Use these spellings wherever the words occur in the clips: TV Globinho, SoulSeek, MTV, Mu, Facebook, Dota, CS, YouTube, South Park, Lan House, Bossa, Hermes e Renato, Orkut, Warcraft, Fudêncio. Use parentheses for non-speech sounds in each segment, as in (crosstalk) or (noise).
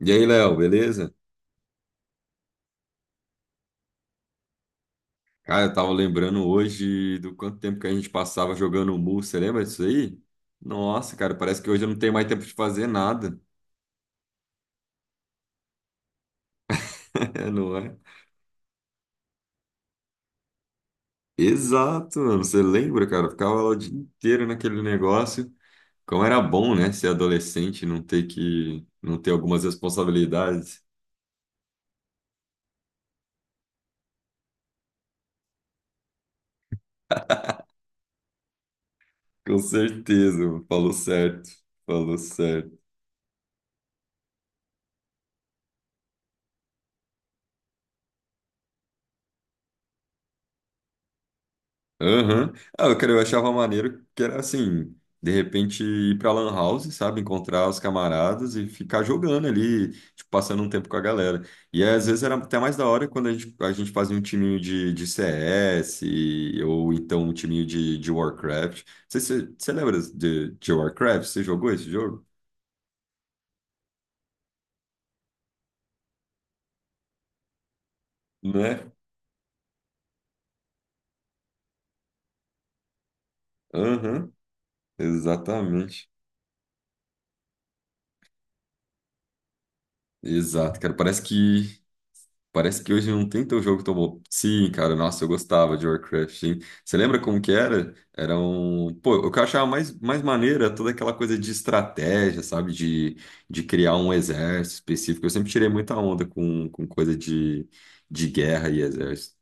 E aí, Léo, beleza? Cara, eu tava lembrando hoje do quanto tempo que a gente passava jogando Mu, você lembra disso aí? Nossa, cara, parece que hoje eu não tenho mais tempo de fazer nada. (laughs) É, não é? Exato, mano, você lembra, cara? Eu ficava lá o dia inteiro naquele negócio. Como era bom, né, ser adolescente, e não ter algumas responsabilidades. Com certeza, mano, falou certo, falou certo. Aham. Ah, eu, cara, eu achava maneiro que era assim, de repente ir pra Lan House, sabe? Encontrar os camaradas e ficar jogando ali, tipo, passando um tempo com a galera. E às vezes era até mais da hora a gente fazia um timinho de CS ou então um timinho de Warcraft. Você lembra de Warcraft? Você jogou esse jogo? Né? Aham, exatamente. Exato, cara. Parece que hoje não tem teu jogo tão bom. Sim, cara, nossa, eu gostava de Warcraft, sim. Você lembra como que era? Era um... Pô, o que eu achava mais maneiro era toda aquela coisa de estratégia, sabe? De criar um exército específico. Eu sempre tirei muita onda com coisa de guerra e exército.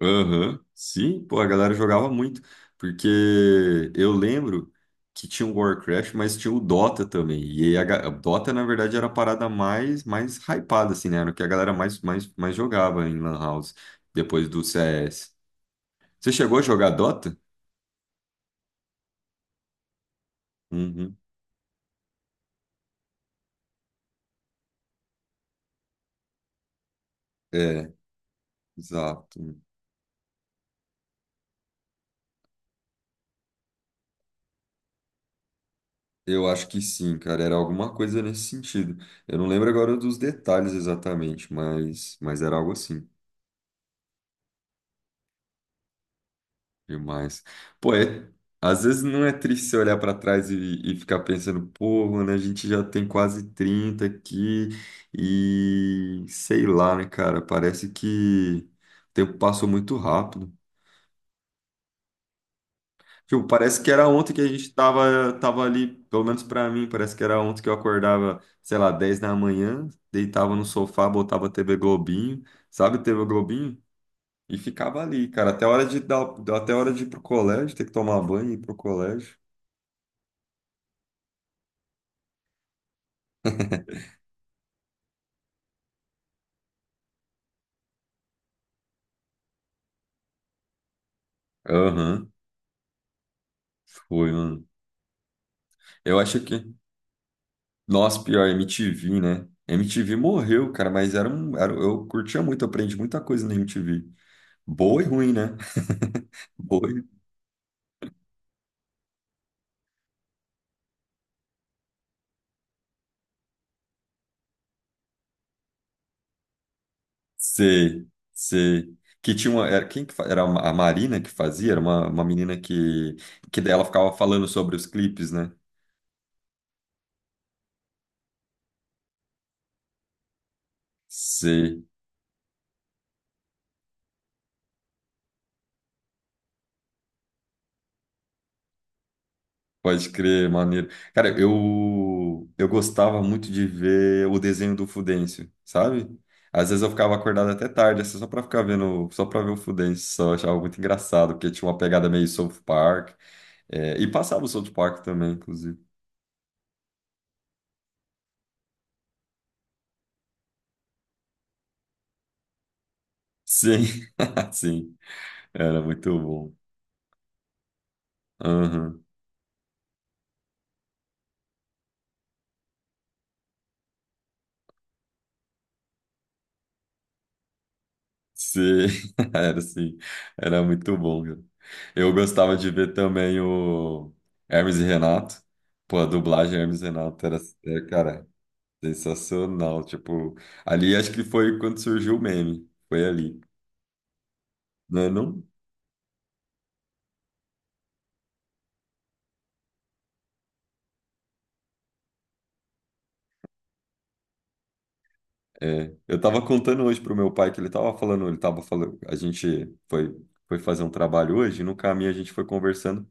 Aham. Sim, pô, a galera jogava muito, porque eu lembro que tinha o Warcraft, mas tinha o Dota também, e aí a Dota, na verdade, era a parada mais hypada, assim, né, era o que a galera mais jogava em Lan House, depois do CS. Você chegou a jogar Dota? Uhum. É, exato. Eu acho que sim, cara, era alguma coisa nesse sentido. Eu não lembro agora dos detalhes exatamente, mas era algo assim. Demais. Pô, é- Às vezes não é triste você olhar para trás e ficar pensando, pô, mano, a gente já tem quase 30 aqui e sei lá, né, cara? Parece que o tempo passou muito rápido. Tipo, parece que era ontem que a gente tava ali, pelo menos para mim, parece que era ontem que eu acordava, sei lá, 10 da manhã, deitava no sofá, botava TV Globinho, sabe, TV Globinho? E ficava ali, cara, até a hora de ir pro colégio, ter que tomar banho e ir pro colégio. Aham, foi, mano. Eu acho que. Nossa, pior, MTV, né? MTV morreu, cara, mas era um. Era, eu curtia muito, aprendi muita coisa na MTV. Boa e ruim, né? (laughs) Boa e. Sei, sei. Que tinha uma. Era, era a Marina que fazia? Era uma menina que. Que dela ficava falando sobre os clipes, né? Sei. Pode crer, maneiro. Cara, eu gostava muito de ver o desenho do Fudêncio, sabe? Às vezes eu ficava acordado até tarde, assim, só pra ficar vendo, só pra ver o Fudêncio, só eu achava muito engraçado, porque tinha uma pegada meio South Park, é, e passava o South Park também, inclusive. Sim, (laughs) sim, era muito bom. Aham. Sim, (laughs) era sim, era muito bom, cara. Eu gostava de ver também o Hermes e Renato. Pô, a dublagem Hermes e Renato era, é, cara, sensacional, tipo, ali acho que foi quando surgiu o meme, foi ali, não é não? É, eu tava contando hoje pro meu pai que ele tava falando, a gente foi fazer um trabalho hoje, e no caminho a gente foi conversando,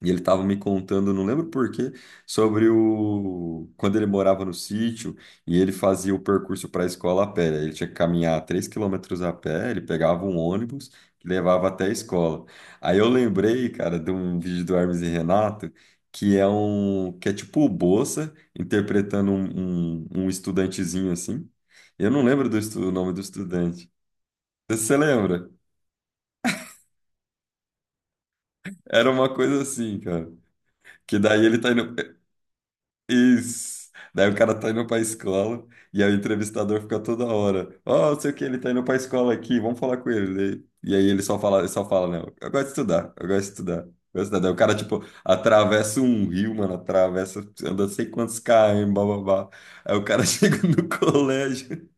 e ele estava me contando, não lembro por quê, sobre o quando ele morava no sítio e ele fazia o percurso para a escola a pé. Ele tinha que caminhar 3 quilômetros a pé, ele pegava um ônibus que levava até a escola. Aí eu lembrei, cara, de um vídeo do Hermes e Renato, que é um que é tipo o Bossa interpretando um estudantezinho assim. Eu não lembro do o nome do estudante. Você lembra? Era uma coisa assim, cara. Que daí ele tá indo. Isso. Daí o cara tá indo pra escola e aí o entrevistador fica toda hora. Ó, não sei o que, ele tá indo pra escola aqui, vamos falar com ele. E aí ele só fala, não, eu gosto de estudar, eu gosto de estudar. Eu gosto de estudar." Daí o cara, tipo, atravessa um rio, mano, atravessa, anda sei quantos km, bababá. Aí o cara (laughs) chega no colégio,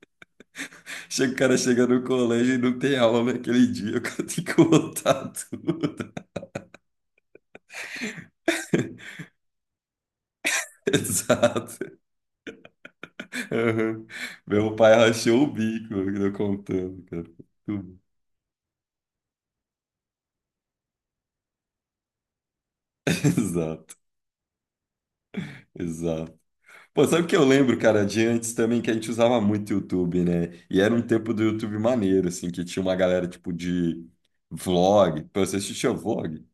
o cara chega no colégio e não tem aula naquele dia, o cara tem que voltar tudo. (laughs) Exato. Aham. Meu pai rachou o bico, eu contando, cara. Tudo. (laughs) Exato, exato. Pô, sabe o que eu lembro, cara, de antes também que a gente usava muito YouTube, né? E era um tempo do YouTube maneiro, assim, que tinha uma galera tipo de vlog. Pô, você assistia vlog?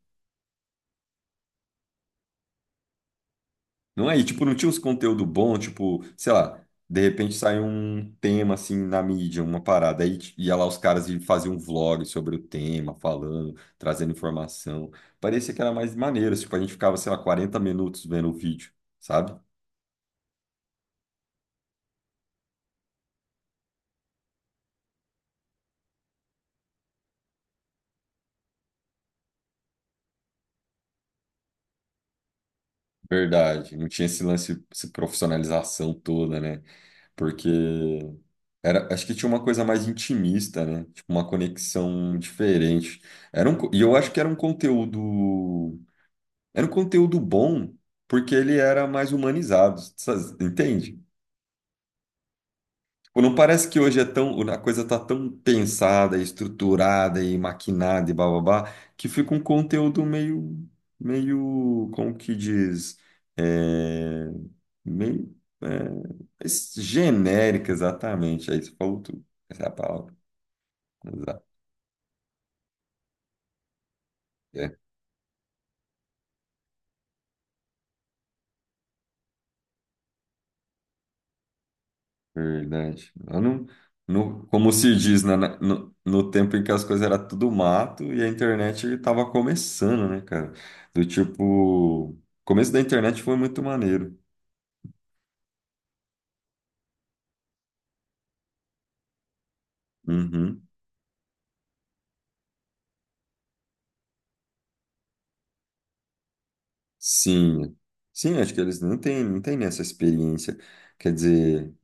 Não é? E, tipo, não tinha uns conteúdo bom, tipo, sei lá, de repente sai um tema, assim, na mídia, uma parada, ia lá os caras e faziam um vlog sobre o tema, falando, trazendo informação. Parecia que era mais maneiro, tipo, a gente ficava, sei lá, 40 minutos vendo o vídeo, sabe? Verdade, não tinha esse lance, essa profissionalização toda, né? Porque era, acho que tinha uma coisa mais intimista, né? Tipo, uma conexão diferente. E eu acho que era um conteúdo bom porque ele era mais humanizado, sabe? Entende? Tipo, não parece que hoje é tão, a coisa tá tão pensada, estruturada e maquinada e bababá, que fica um conteúdo meio, como que diz, é, meio, é, genérico, exatamente. Aí você falou tudo, essa é a palavra. Exato. É. Verdade. Lá no, como se diz, né, no tempo em que as coisas eram tudo mato e a internet estava começando, né, cara? Do tipo, o começo da internet foi muito maneiro. Uhum. Sim. Sim, acho que eles não têm essa experiência. Quer dizer.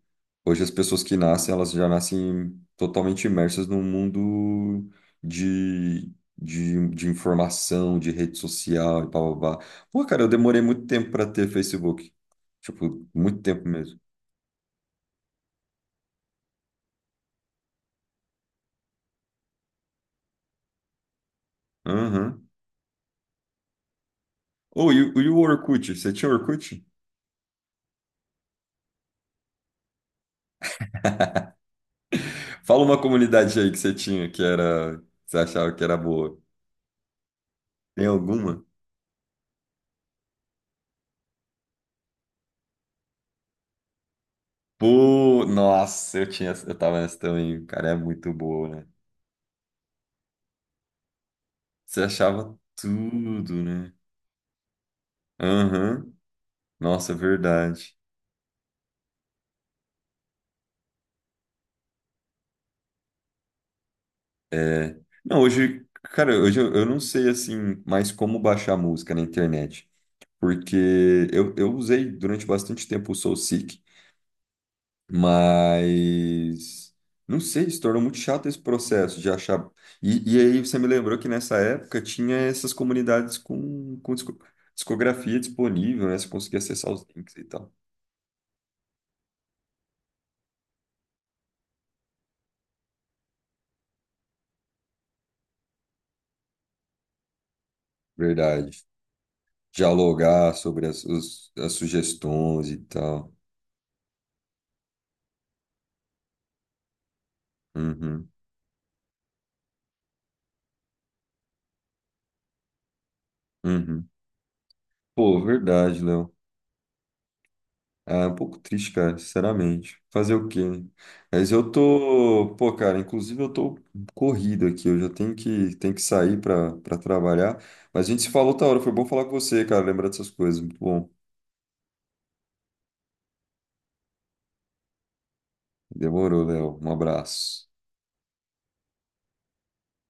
Hoje as pessoas que nascem, elas já nascem totalmente imersas num mundo de, de informação, de rede social e blá blá blá. Pô, cara, eu demorei muito tempo para ter Facebook. Tipo, muito tempo mesmo. Aham. Ô, e o Orkut? Você tinha Orkut? Fala uma comunidade aí que você tinha que era, que você achava que era boa. Tem alguma? Pô, nossa, eu tava nessa também. Cara, é muito boa, né? Você achava tudo, né? Aham. Nossa, verdade. É. Não, hoje, cara, hoje eu não sei assim mais como baixar música na internet, porque eu usei durante bastante tempo o SoulSeek, mas não sei, se tornou muito chato esse processo de achar. E aí você me lembrou que nessa época tinha essas comunidades com discografia disponível, né? Você conseguia acessar os links e tal. Verdade. Dialogar sobre as, as sugestões e tal. Uhum, uhum. Pô, verdade, Léo. Ah, é um pouco triste, cara, sinceramente. Fazer o quê, né? Mas eu tô, pô, cara, inclusive eu tô corrido aqui, eu já tenho que sair pra trabalhar. Mas a gente se falou outra hora, foi bom falar com você, cara, lembrar dessas coisas. Muito bom. Demorou, Léo. Um abraço.